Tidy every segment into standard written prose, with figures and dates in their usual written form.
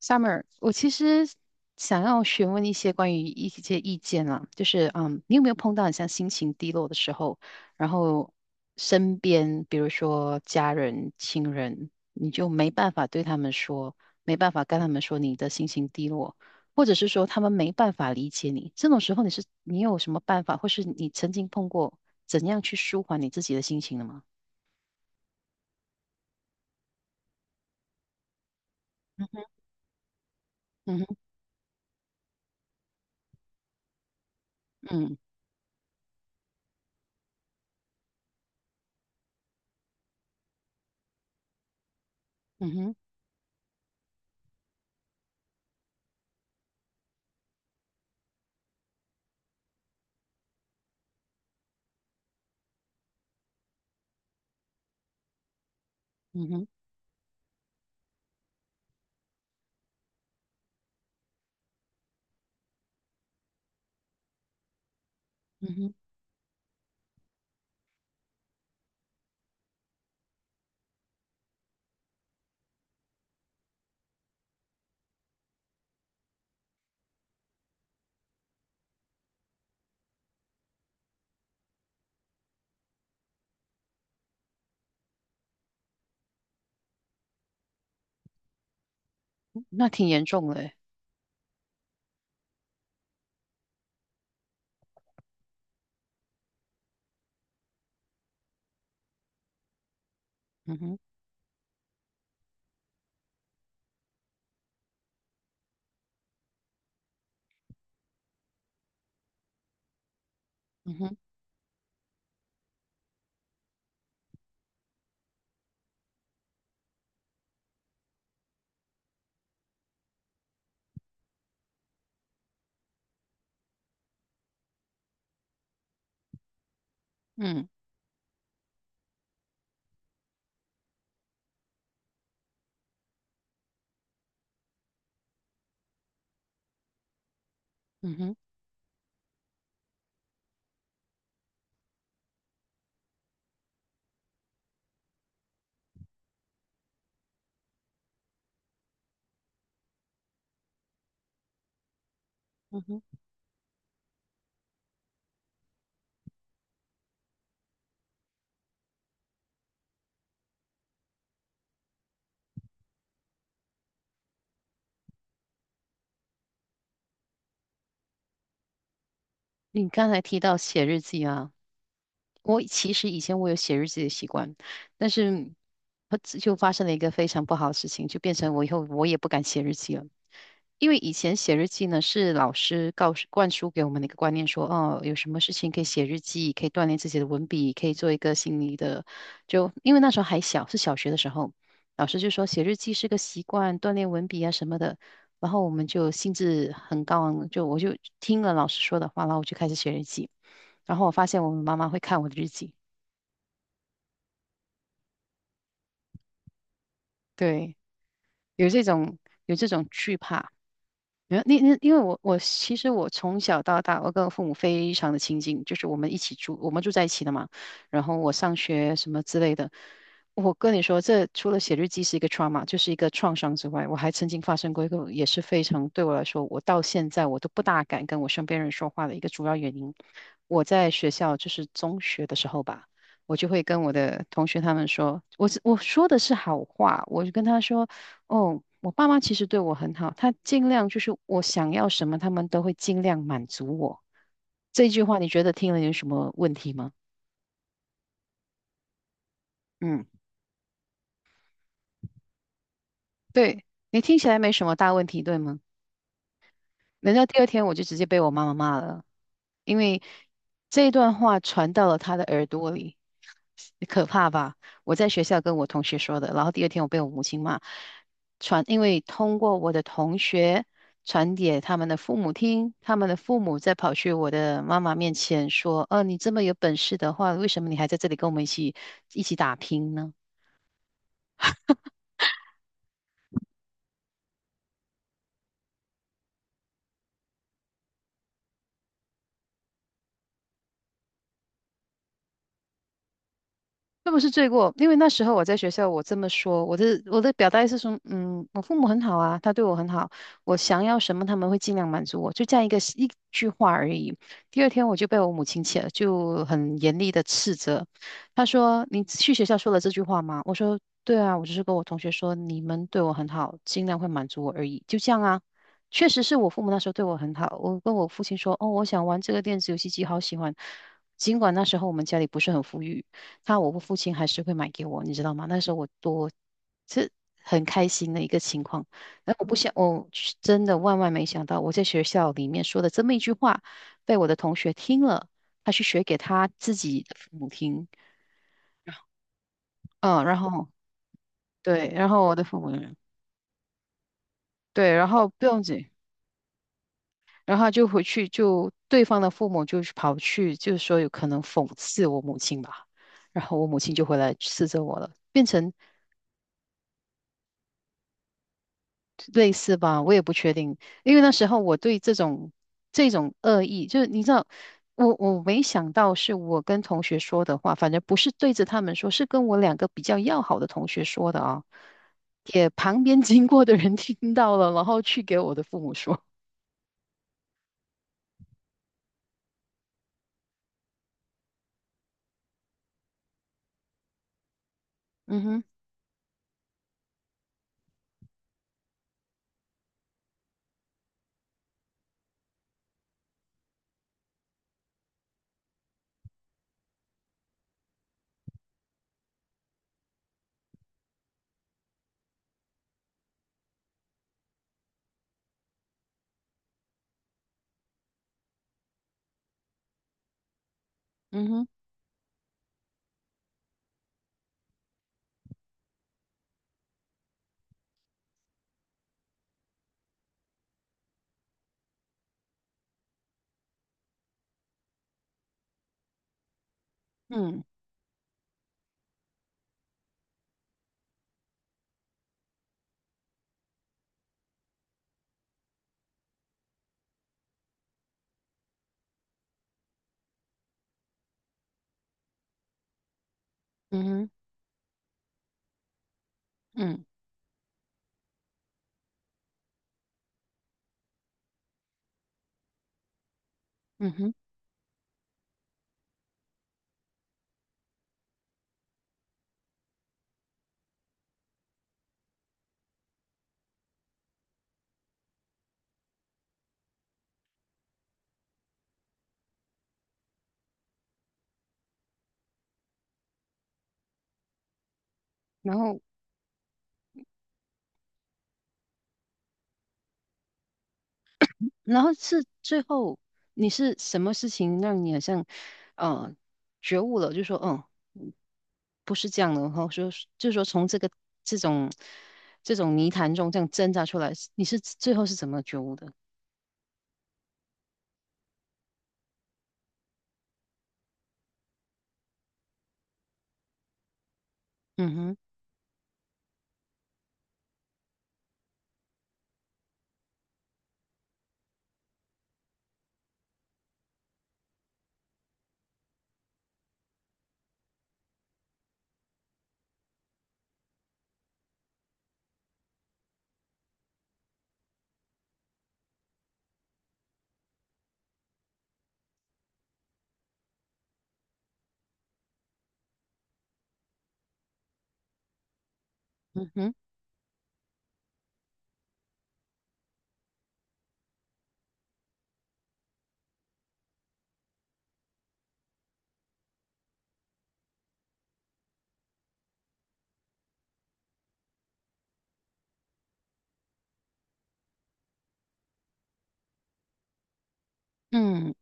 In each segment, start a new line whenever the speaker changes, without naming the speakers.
Summer，我其实想要询问一些关于一些意见啦，就是你有没有碰到很像心情低落的时候，然后身边比如说家人、亲人，你就没办法对他们说，没办法跟他们说你的心情低落，或者是说他们没办法理解你，这种时候你有什么办法，或是你曾经碰过怎样去舒缓你自己的心情的吗？嗯哼，嗯哼嗯哼，嗯哼，嗯哼，那挺严重的欸，嗯哼。嗯哼嗯嗯哼嗯哼，你刚才提到写日记啊，我其实以前我有写日记的习惯，但是就发生了一个非常不好的事情，就变成我以后我也不敢写日记了。因为以前写日记呢，是老师告诉灌输给我们的一个观念说，哦，有什么事情可以写日记，可以锻炼自己的文笔，可以做一个心理的。就因为那时候还小，是小学的时候，老师就说写日记是个习惯，锻炼文笔啊什么的。然后我们就兴致很高昂，就我就听了老师说的话，然后我就开始写日记。然后我发现我妈妈会看我的日记，对，有这种惧怕，没有，那因为我其实我从小到大，我跟我父母非常的亲近，就是我们一起住，我们住在一起的嘛。然后我上学什么之类的，我跟你说，这除了写日记是一个 trauma，就是一个创伤之外，我还曾经发生过一个也是非常对我来说，我到现在我都不大敢跟我身边人说话的一个主要原因。我在学校就是中学的时候吧。我就会跟我的同学他们说，我说的是好话，我就跟他说，哦，我爸妈其实对我很好，他尽量就是我想要什么，他们都会尽量满足我。这句话你觉得听了有什么问题吗？嗯，对，你听起来没什么大问题，对吗？难道第二天我就直接被我妈妈骂了？因为这段话传到了他的耳朵里，可怕吧？我在学校跟我同学说的，然后第二天我被我母亲骂，传，因为通过我的同学传给他们的父母听，他们的父母再跑去我的妈妈面前说：你这么有本事的话，为什么你还在这里跟我们一起打拼呢？”这不是罪过，因为那时候我在学校，我这么说，我的表达意思是说，我父母很好啊，他对我很好，我想要什么他们会尽量满足我，就这样一句话而已。第二天我就被我母亲气，就很严厉的斥责，她说：“你去学校说了这句话吗？”我说：“对啊，我只是跟我同学说你们对我很好，尽量会满足我而已，就这样啊。”确实是我父母那时候对我很好，我跟我父亲说：“哦，我想玩这个电子游戏机，好喜欢。”尽管那时候我们家里不是很富裕。我父亲还是会买给我，你知道吗？那时候我多是很开心的一个情况。然我不想，我去真的万万没想到，我在学校里面说的这么一句话，被我的同学听了，他去学给他自己的父母听。嗯，然后对，然后我的父母对，然后不用紧，然后就回去就对方的父母就跑去，就是说有可能讽刺我母亲吧。然后我母亲就回来斥责我了，变成类似吧，我也不确定，因为那时候我对这种恶意，就是你知道，我没想到是我跟同学说的话，反正不是对着他们说，是跟我两个比较要好的同学说的啊，也旁边经过的人听到了，然后去给我的父母说，嗯哼，嗯哼，嗯嗯哼，嗯嗯哼，然后然后是最后你是什么事情让你好像呃觉悟了，就说嗯。嗯不是这样的，然后说就说从这种这种泥潭中这样挣扎出来，你是最后是怎么觉悟的？嗯哼，嗯哼，嗯。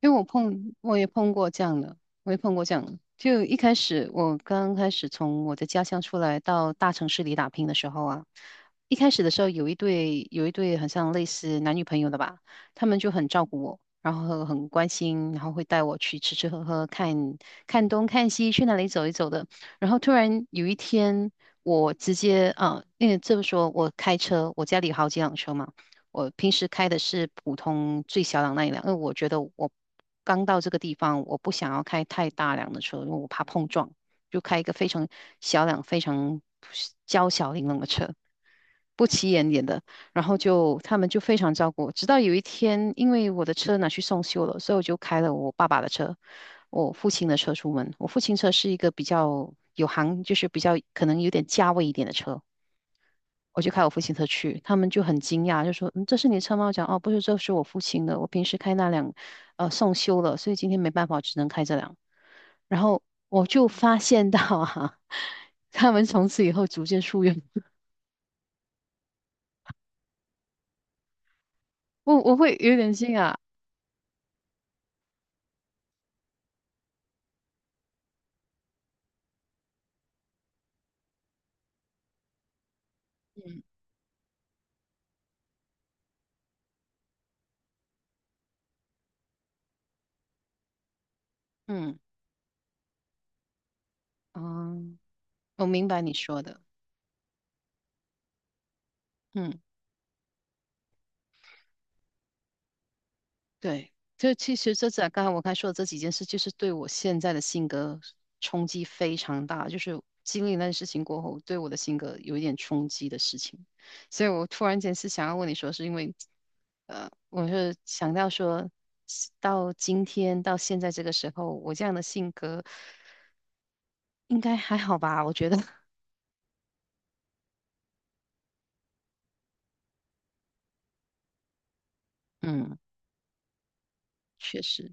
因为我也碰过这样的，我也碰过这样的。就一开始，我刚开始从我的家乡出来到大城市里打拼的时候啊，一开始的时候有一对很像类似男女朋友的吧，他们就很照顾我，然后很关心，然后会带我去吃吃喝喝，看东看西，去哪里走一走的。然后突然有一天，我直接啊，因为这么说，我开车，我家里有好几辆车嘛。我平时开的是普通最小档那一辆，因为我觉得我刚到这个地方，我不想要开太大辆的车，因为我怕碰撞，就开一个非常小辆、非常娇小玲珑的车，不起眼点的。然后就他们就非常照顾我，直到有一天，因为我的车拿去送修了，所以我就开了我爸爸的车，我父亲的车出门。我父亲车是一个比较有行，就是比较可能有点价位一点的车。我就开我父亲车去，他们就很惊讶，就说：“嗯，这是你的车吗？”我讲：“哦，不是，这是我父亲的，我平时开那辆，送修了，所以今天没办法，只能开这辆。”然后我就发现到啊，他们从此以后逐渐疏远我，我会有点惊讶。嗯嗯嗯，我明白你说的，嗯。对，就其实这在刚才我刚才说的这几件事，就是对我现在的性格冲击非常大。就是经历那件事情过后，对我的性格有一点冲击的事情，所以我突然间是想要问你说，是因为，我是想到说，到今天到现在这个时候，我这样的性格应该还好吧？我觉得，嗯，确实，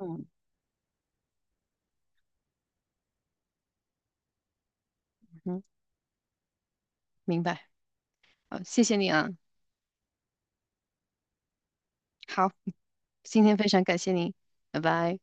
嗯嗯，明白。好，谢谢你啊。好，今天非常感谢你，拜拜。